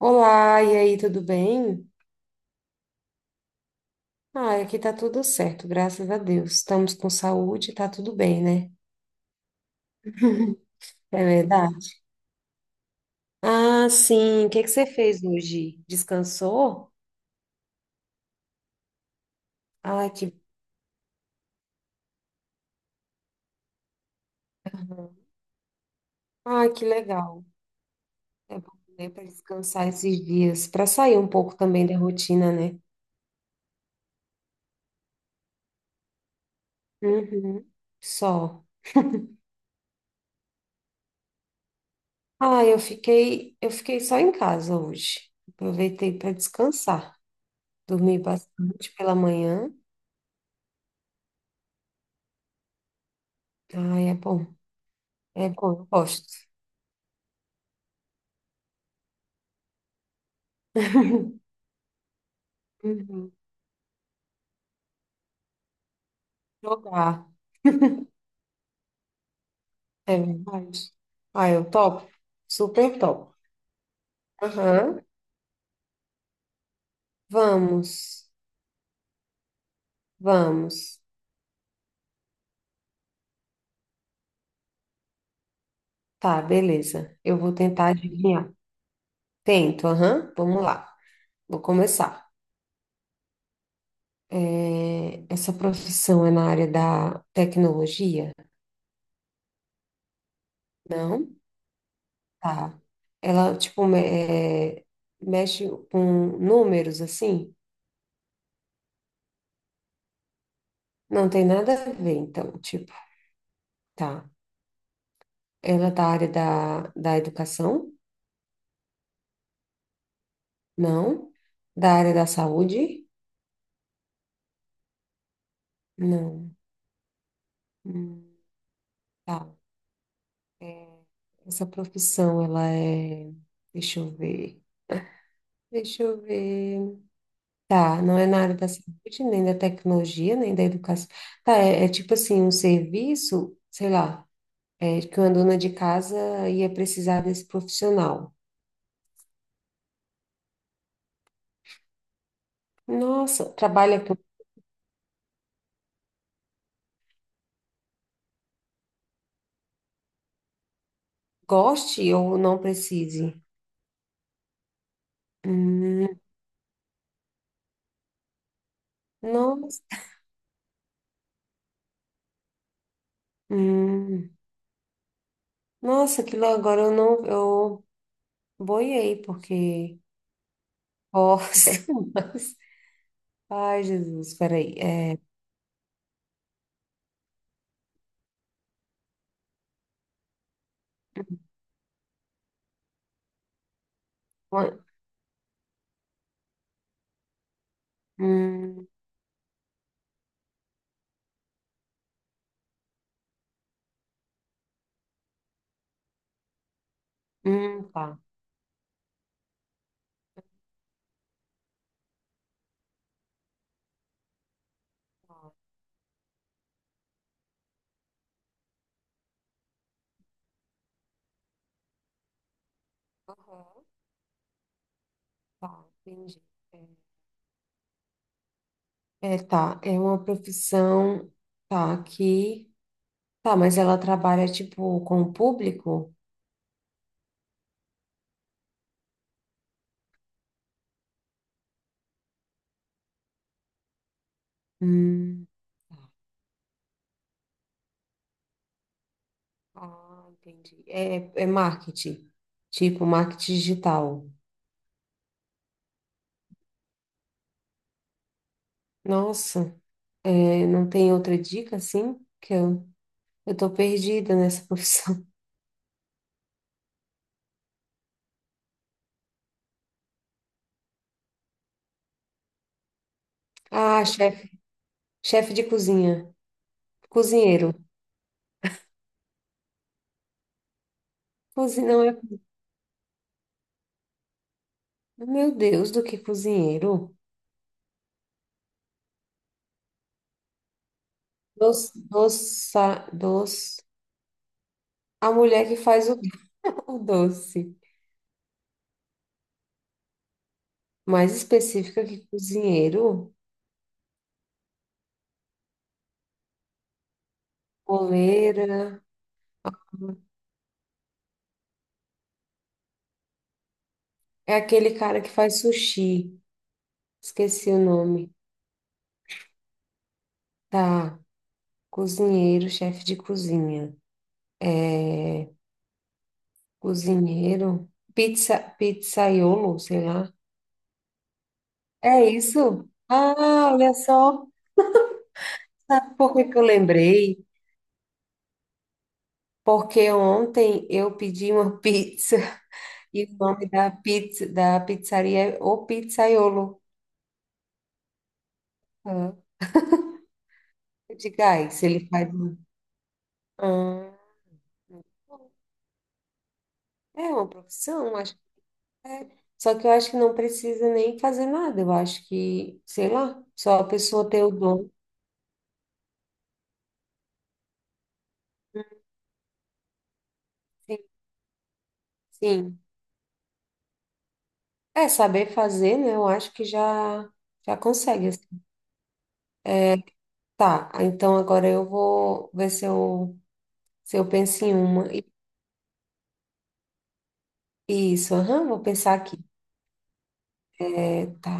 Olá, e aí, tudo bem? Ah, aqui tá tudo certo, graças a Deus. Estamos com saúde, tá tudo bem, né? É verdade. Ah, sim. O que que você fez hoje? Descansou? Ai, que, Ai, que legal. É bom, né, para descansar esses dias, para sair um pouco também da rotina, né? Uhum. Só. Ah, eu fiquei só em casa hoje. Aproveitei para descansar. Dormi bastante pela manhã. Ah, é bom. É bom, eu gosto. Uhum. Jogar. É verdade. Ah, eu topo. Super top. Aham. Vamos. Vamos. Tá, beleza. Eu vou tentar adivinhar. Tento, aham. Vamos lá. Vou começar. Essa profissão é na área da tecnologia? Não? Tá. Ela, tipo, é, mexe com números, assim? Não tem nada a ver, então, tipo, tá. Ela é da área da educação? Não? Da área da saúde? Não. Hum, tá. Essa profissão, ela é. Deixa eu ver. Deixa eu ver. Tá, não é na área da saúde, nem da tecnologia, nem da educação. Tá, é tipo assim, um serviço, sei lá, que uma dona de casa ia precisar desse profissional. Nossa, trabalha com goste ou não precise? Hum, Nossa, hum, nossa, aquilo agora eu não, eu boiei, porque Forças. Ai, Jesus, peraí. Hum, tá. Aham, tá, entendi. Tá, é uma profissão, tá, aqui. Tá, mas ela trabalha, tipo, com o público? Hum, ah, entendi. É marketing, tipo, marketing digital. Nossa, não tem outra dica, assim? Que eu tô perdida nessa profissão. Ah, chefe, chefe de cozinha, cozinheiro. Cozinhão é, meu Deus, do que cozinheiro? Doce, doça, doce. A mulher que faz o, o doce. Mais específica que cozinheiro, coleira. É aquele cara que faz sushi. Esqueci o nome. Tá. Cozinheiro, chefe de cozinha. É, Cozinheiro. Pizza, pizzaiolo, sei lá. É isso? Ah, olha só. Sabe por que que eu lembrei? Porque ontem eu pedi uma pizza e o nome da pizza da pizzaria é O Pizzaiolo. Ah, eu digo, ai, se ele faz uma... Ah, é uma profissão, acho que é. Só que eu acho que não precisa nem fazer nada. Eu acho que, sei lá, só a pessoa ter o dom. Sim, sim. É saber fazer, né? Eu acho que já já consegue, assim. É, tá, então agora eu vou ver se eu penso em uma. Isso, aham, vou pensar aqui. Tá.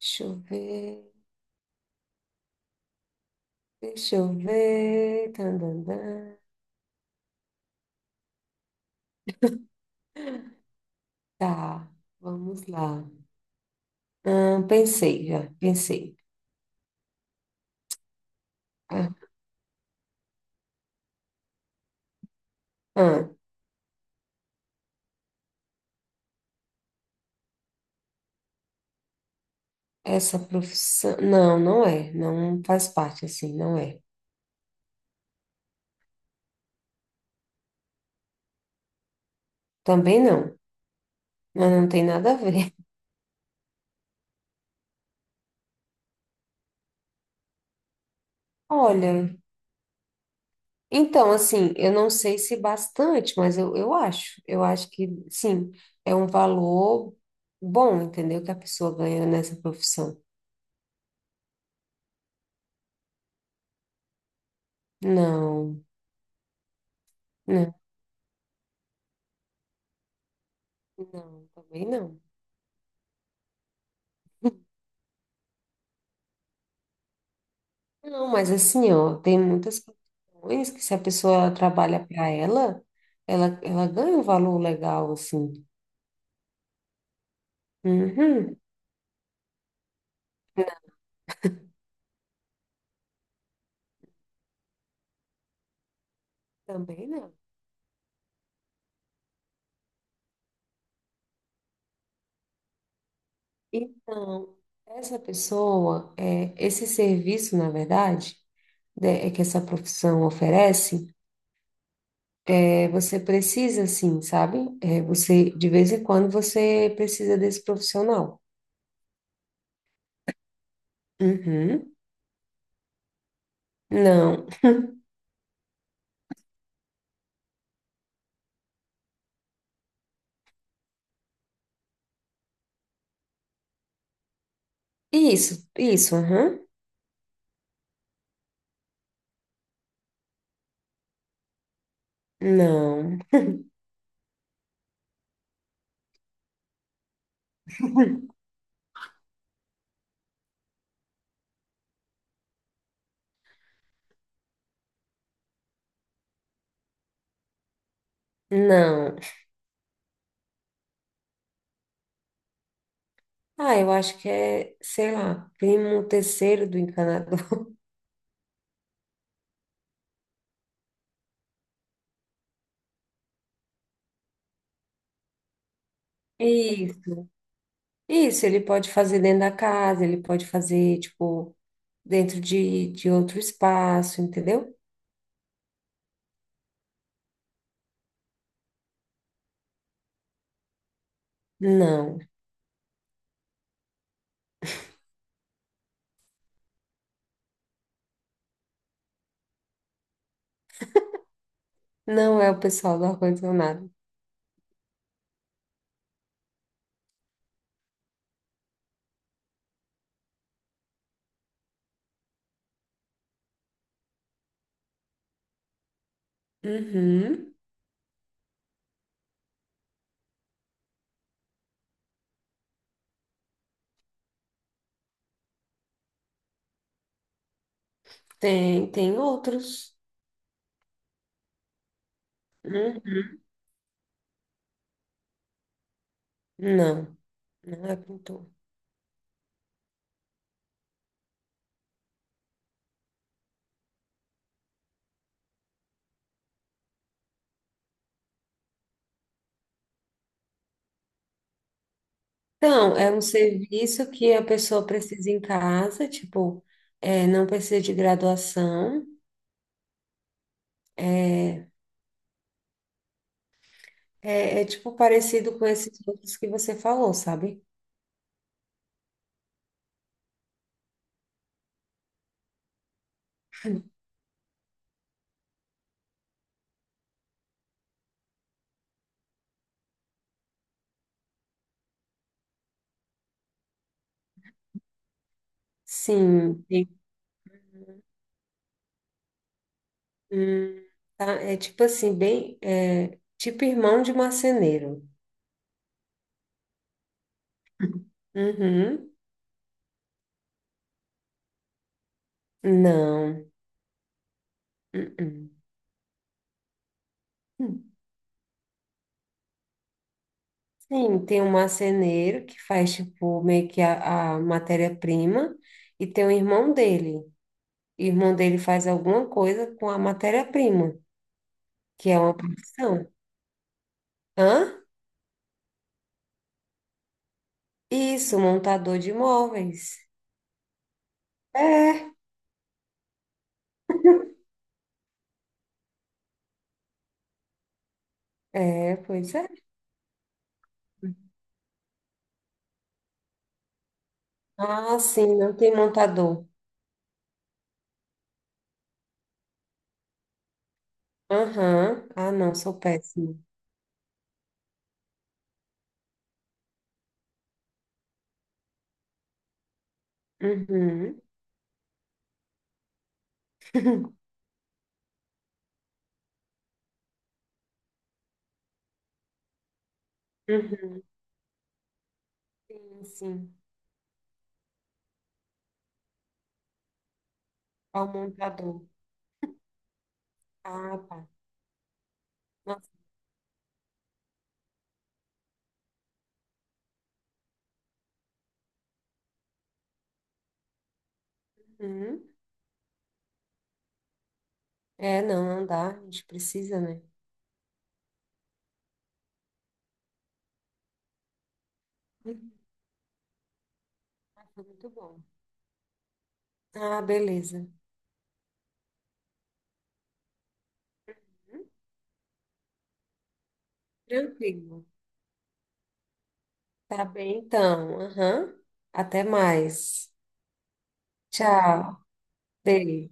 Deixa eu ver. Deixa eu ver. Tandandã. Tá. Vamos lá. Ah, pensei já. Pensei. Ah, ah, essa profissão. Não, não é. Não faz parte assim. Não é. Também não. Mas não tem nada a ver. Olha, então, assim, eu não sei se bastante, mas eu acho. Eu acho que, sim, é um valor bom, entendeu? Que a pessoa ganha nessa profissão. Não, não, não, também não. Não, mas assim, ó, tem muitas profissões que se a pessoa trabalha para ela, ela ganha um valor legal, assim. Uhum. Também não. Então, essa pessoa, esse serviço, na verdade, né, é que essa profissão oferece, você precisa, assim, sabe? Você, de vez em quando, você precisa desse profissional. Uhum. Não. Isso, aham. Não. Não. Ah, eu acho que é, sei lá, primo terceiro do encanador. Isso, isso, ele pode fazer dentro da casa, ele pode fazer, tipo, dentro de outro espaço, entendeu? Não, não é o pessoal do ar-condicionado. Uhum, tem outros. Uhum, não, não é pintor. Então, é um serviço que a pessoa precisa em casa, tipo, não precisa de graduação. é, é tipo parecido com esses outros que você falou, sabe? Sim. Hum, tá, é tipo assim, bem. Tipo irmão de marceneiro. Uhum. Não. Uh-uh. Hum. Sim, tem um marceneiro que faz, tipo, meio que a matéria-prima, e tem o irmão dele. O irmão dele faz alguma coisa com a matéria-prima, que é uma profissão. Hã? Isso, montador de móveis. É, Pois é. Ah, sim, não tem montador. Aham. Ah, não, sou péssimo. Uhum. Uhum. Sim, sim. Ao montador. Ah, tá. Nossa. Uhum. Não, não dá. A gente precisa, né? Uhum. Foi muito bom. Ah, beleza. Uhum. Tranquilo. Tá bem, então. Aham. Até mais. Tchau. Beijo.